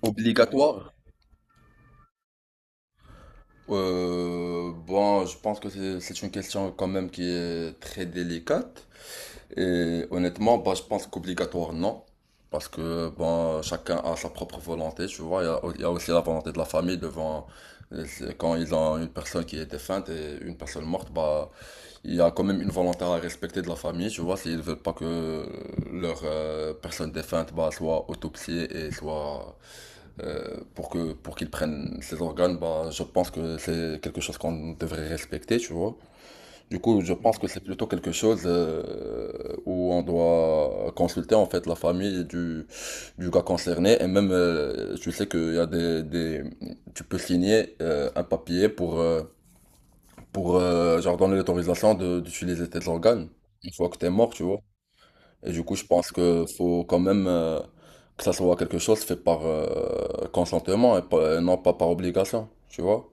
Obligatoire? Bon, je pense que c'est une question quand même qui est très délicate. Et honnêtement, bah, je pense qu'obligatoire, non. Parce que bon, chacun a sa propre volonté, tu vois. Il y a aussi la volonté de la famille devant. Quand ils ont une personne qui est défunte et une personne morte, bah, il y a quand même une volonté à respecter de la famille, tu vois. S'ils veulent pas que leur personne défunte bah, soit autopsiée et soit pour qu'ils prennent ces organes, bah, je pense que c'est quelque chose qu'on devrait respecter, tu vois. Du coup, je pense que c'est plutôt quelque chose où on doit consulter en fait la famille du gars concerné et même, tu sais qu'il y a tu peux signer un papier pour genre donner l'autorisation d'utiliser tes organes une fois que t'es mort, tu vois. Et du coup, je pense que faut quand même que ça soit quelque chose fait par consentement et et non pas par obligation, tu vois?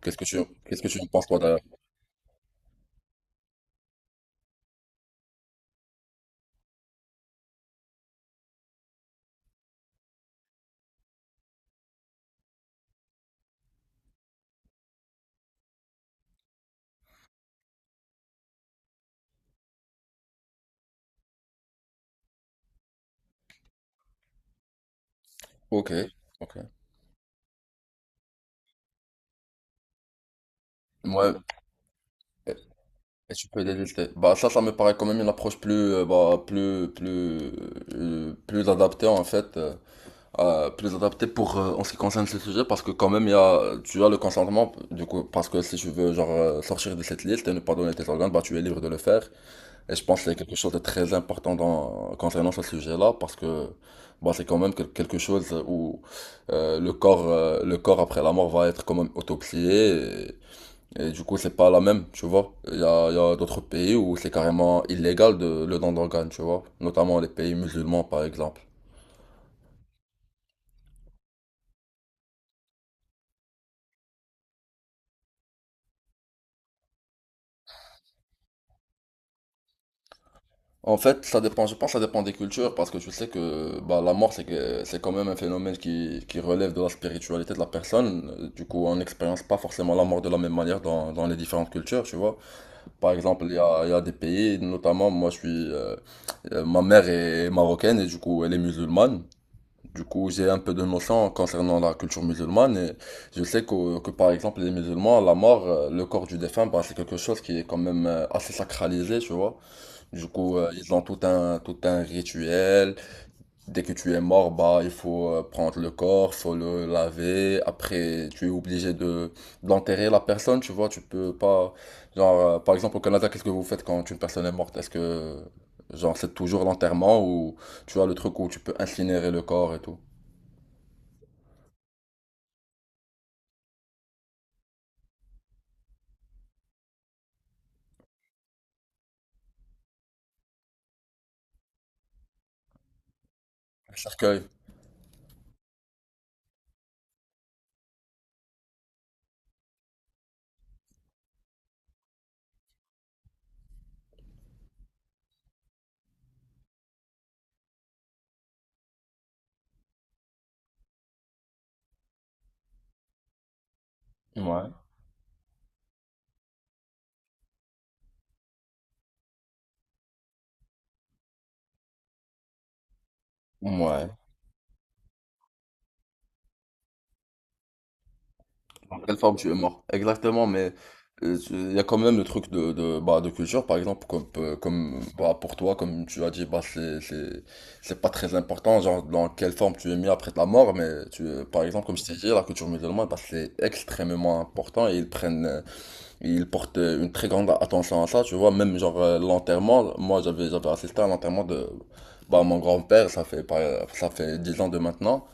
Qu'est-ce que tu, Qu'est-ce que tu en penses, toi, d'ailleurs? Ok, ok. Ouais, et, et tu peux délister. Bah, ça me paraît quand même une approche plus adaptée, en fait, plus adaptée pour, en ce qui concerne ce sujet, parce que quand même, il y a, tu as le consentement, du coup, parce que si tu veux, genre, sortir de cette liste et ne pas donner tes organes, bah, tu es libre de le faire. Et je pense qu'il y a quelque chose de très important concernant ce sujet-là, parce que bah, c'est quand même quelque chose où le corps après la mort va être quand même autopsié, et du coup, c'est pas la même, tu vois. Il y a d'autres pays où c'est carrément illégal de, le don d'organes, tu vois, notamment les pays musulmans, par exemple. En fait, ça dépend, je pense que ça dépend des cultures, parce que tu sais que bah, la mort, c'est quand même un phénomène qui relève de la spiritualité de la personne. Du coup, on n'expérience pas forcément la mort de la même manière dans les différentes cultures, tu vois. Par exemple, il y a des pays, notamment, moi, ma mère est marocaine et du coup, elle est musulmane. Du coup, j'ai un peu de notion concernant la culture musulmane et je sais que par exemple, les musulmans, la mort, le corps du défunt, bah, c'est quelque chose qui est quand même assez sacralisé, tu vois. Du coup, ils ont tout un rituel. Dès que tu es mort, bah, il faut prendre le corps, faut le laver. Après, tu es obligé de d'enterrer la personne, tu vois. Tu peux pas, genre, par exemple, au Canada, qu'est-ce que vous faites quand une personne est morte? Est-ce que, genre, c'est toujours l'enterrement ou tu as le truc où tu peux incinérer le corps et tout? Un cercueil. Ouais. Ouais. En quelle forme tu es mort? Exactement, mais il y a quand même le truc bah, de culture, par exemple, comme bah, pour toi, comme tu as dit, bah, c'est pas très important, genre dans quelle forme tu es mis après ta mort, mais par exemple, comme je t'ai dit, la culture musulmane, bah, c'est extrêmement important et ils portent une très grande attention à ça, tu vois, même genre l'enterrement, moi j'avais assisté à l'enterrement de bah, mon grand-père, ça fait 10 ans de maintenant.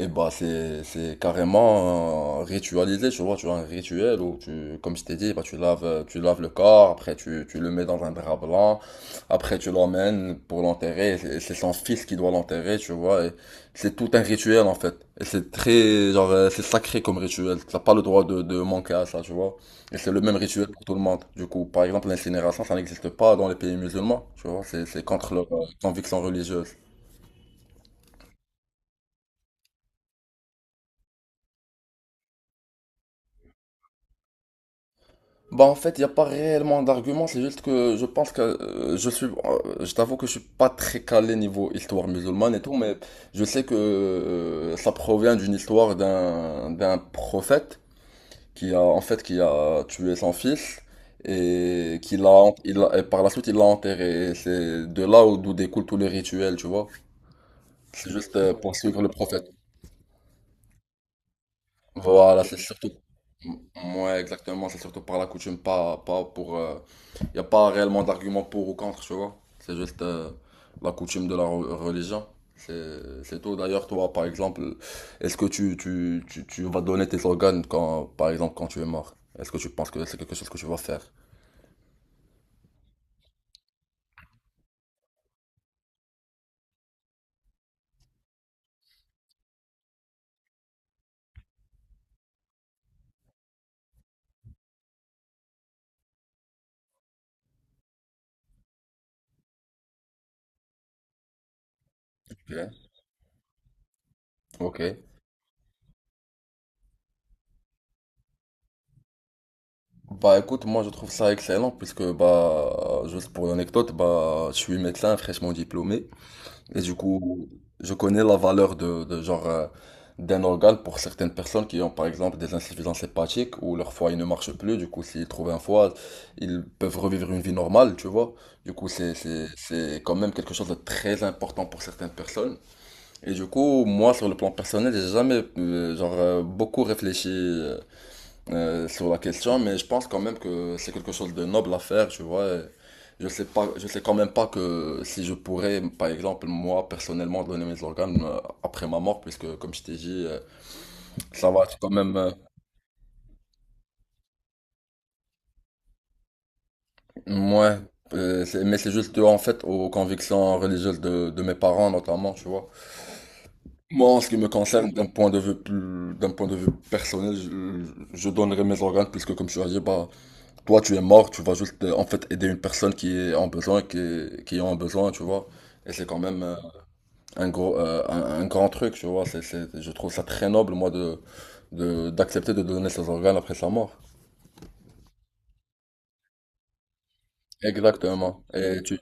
Et bah c'est carrément ritualisé, tu vois, tu as un rituel où tu comme je t'ai dit, bah tu laves le corps, après tu le mets dans un drap blanc, après tu l'emmènes pour l'enterrer, et c'est son fils qui doit l'enterrer, tu vois, et c'est tout un rituel en fait. Et c'est très genre c'est sacré comme rituel, t'as pas le droit de manquer à ça, tu vois. Et c'est le même rituel pour tout le monde. Du coup, par exemple, l'incinération, ça n'existe pas dans les pays musulmans, tu vois, c'est contre leur conviction religieuse. Bah en fait, il n'y a pas réellement d'argument, c'est juste que je pense que je t'avoue que je suis pas très calé niveau histoire musulmane et tout, mais je sais que ça provient d'une histoire d'un prophète qui a tué son fils et qui l'a, il l'a- et par la suite il l'a enterré. Et c'est d'où découlent tous les rituels, tu vois. C'est juste pour suivre le prophète. Voilà, c'est surtout. Mm, ouais, exactement, c'est surtout par la coutume, pas pour. Il n'y a pas réellement d'argument pour ou contre, tu vois. C'est juste la coutume de la religion. C'est tout. D'ailleurs, toi, par exemple, est-ce que tu vas donner tes organes quand, par exemple, quand tu es mort? Est-ce que tu penses que c'est quelque chose que tu vas faire? Ok. Ok. Bah écoute, moi je trouve ça excellent puisque bah juste pour l'anecdote, bah je suis médecin fraîchement diplômé. Et du coup, je connais la valeur de genre d'un organe pour certaines personnes qui ont par exemple des insuffisances hépatiques ou leur foie il ne marche plus. Du coup, s'ils trouvent un foie, ils peuvent revivre une vie normale, tu vois. Du coup, c'est quand même quelque chose de très important pour certaines personnes. Et du coup, moi, sur le plan personnel, j'ai jamais beaucoup réfléchi sur la question, mais je pense quand même que c'est quelque chose de noble à faire, tu vois. Et je sais pas, je sais quand même pas que si je pourrais, par exemple, moi, personnellement, donner mes organes après ma mort, puisque, comme je t'ai dit, ça va être quand même, ouais, mais c'est juste, en fait, aux convictions religieuses de mes parents, notamment, tu vois. Moi, en ce qui me concerne, d'un point de vue plus, d'un point de vue personnel, je donnerai mes organes, puisque, comme tu as dit, bah, toi, tu es mort, tu vas juste en fait aider une personne qui est en besoin, qui en a besoin, tu vois. Et c'est quand même un grand truc, tu vois. Je trouve ça très noble, moi, d'accepter de donner ses organes après sa mort. Exactement.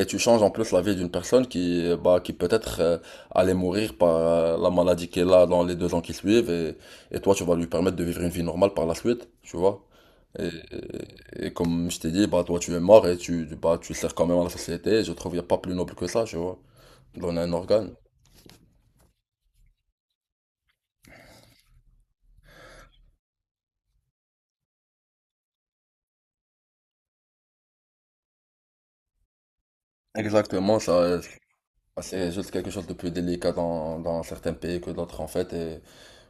Et tu changes en plus la vie d'une personne qui, bah, qui peut-être allait mourir par la maladie qu'elle a dans les 2 ans qui suivent et, toi tu vas lui permettre de vivre une vie normale par la suite, tu vois. Et, et comme je t'ai dit, bah, toi tu es mort et tu sers quand même à la société. Et je trouve qu'il n'y a pas plus noble que ça, tu vois. Donner un organe. Exactement, ça, c'est juste quelque chose de plus délicat dans certains pays que d'autres en fait.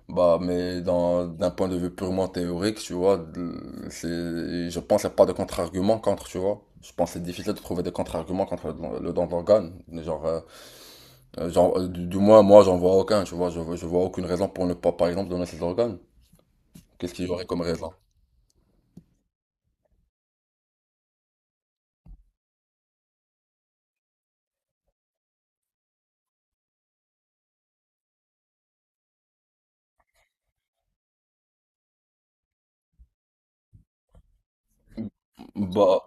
Bah, mais d'un point de vue purement théorique, tu vois, c'est, je pense qu'il n'y a pas de contre-argument contre, tu vois. Je pense que c'est difficile de trouver des contre-arguments contre le don d'organe. Genre, du moins, moi, j'en vois aucun, tu vois. Je vois aucune raison pour ne pas, par exemple, donner ses organes. Qu'est-ce qu'il y aurait comme raison? Bah,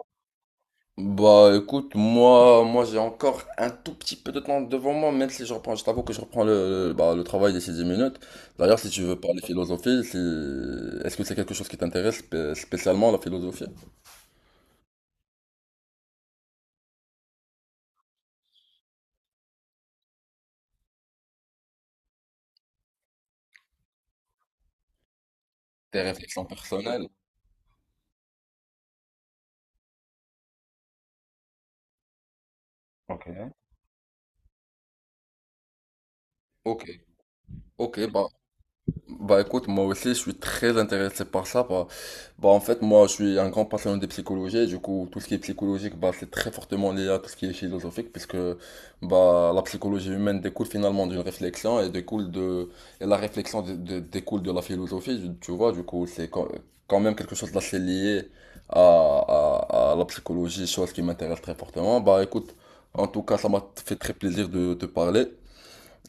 Bah écoute, moi j'ai encore un tout petit peu de temps devant moi, même si je t'avoue que je reprends le travail d'ici 10 minutes. D'ailleurs, si tu veux parler philosophie, si... est-ce que c'est quelque chose qui t'intéresse spécialement la philosophie? Tes réflexions personnelles? Ok. Ok, ok, Bah écoute, moi aussi je suis très intéressé par ça. Bah, en fait, moi je suis un grand passionné de psychologie. Et du coup, tout ce qui est psychologique, bah, c'est très fortement lié à tout ce qui est philosophique, puisque bah, la psychologie humaine découle finalement d'une réflexion et découle de et la réflexion découle de la philosophie. Tu vois, du coup, c'est quand même quelque chose d'assez lié à, la psychologie, chose qui m'intéresse très fortement. Bah écoute, en tout cas, ça m'a fait très plaisir de te parler.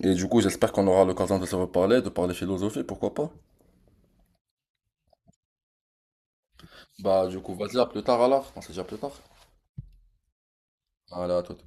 Et du coup, j'espère qu'on aura l'occasion de se reparler, de parler philosophie, pourquoi pas? Bah, du coup, vas-y, à plus tard alors. On se dit à plus tard. Allez, à tout.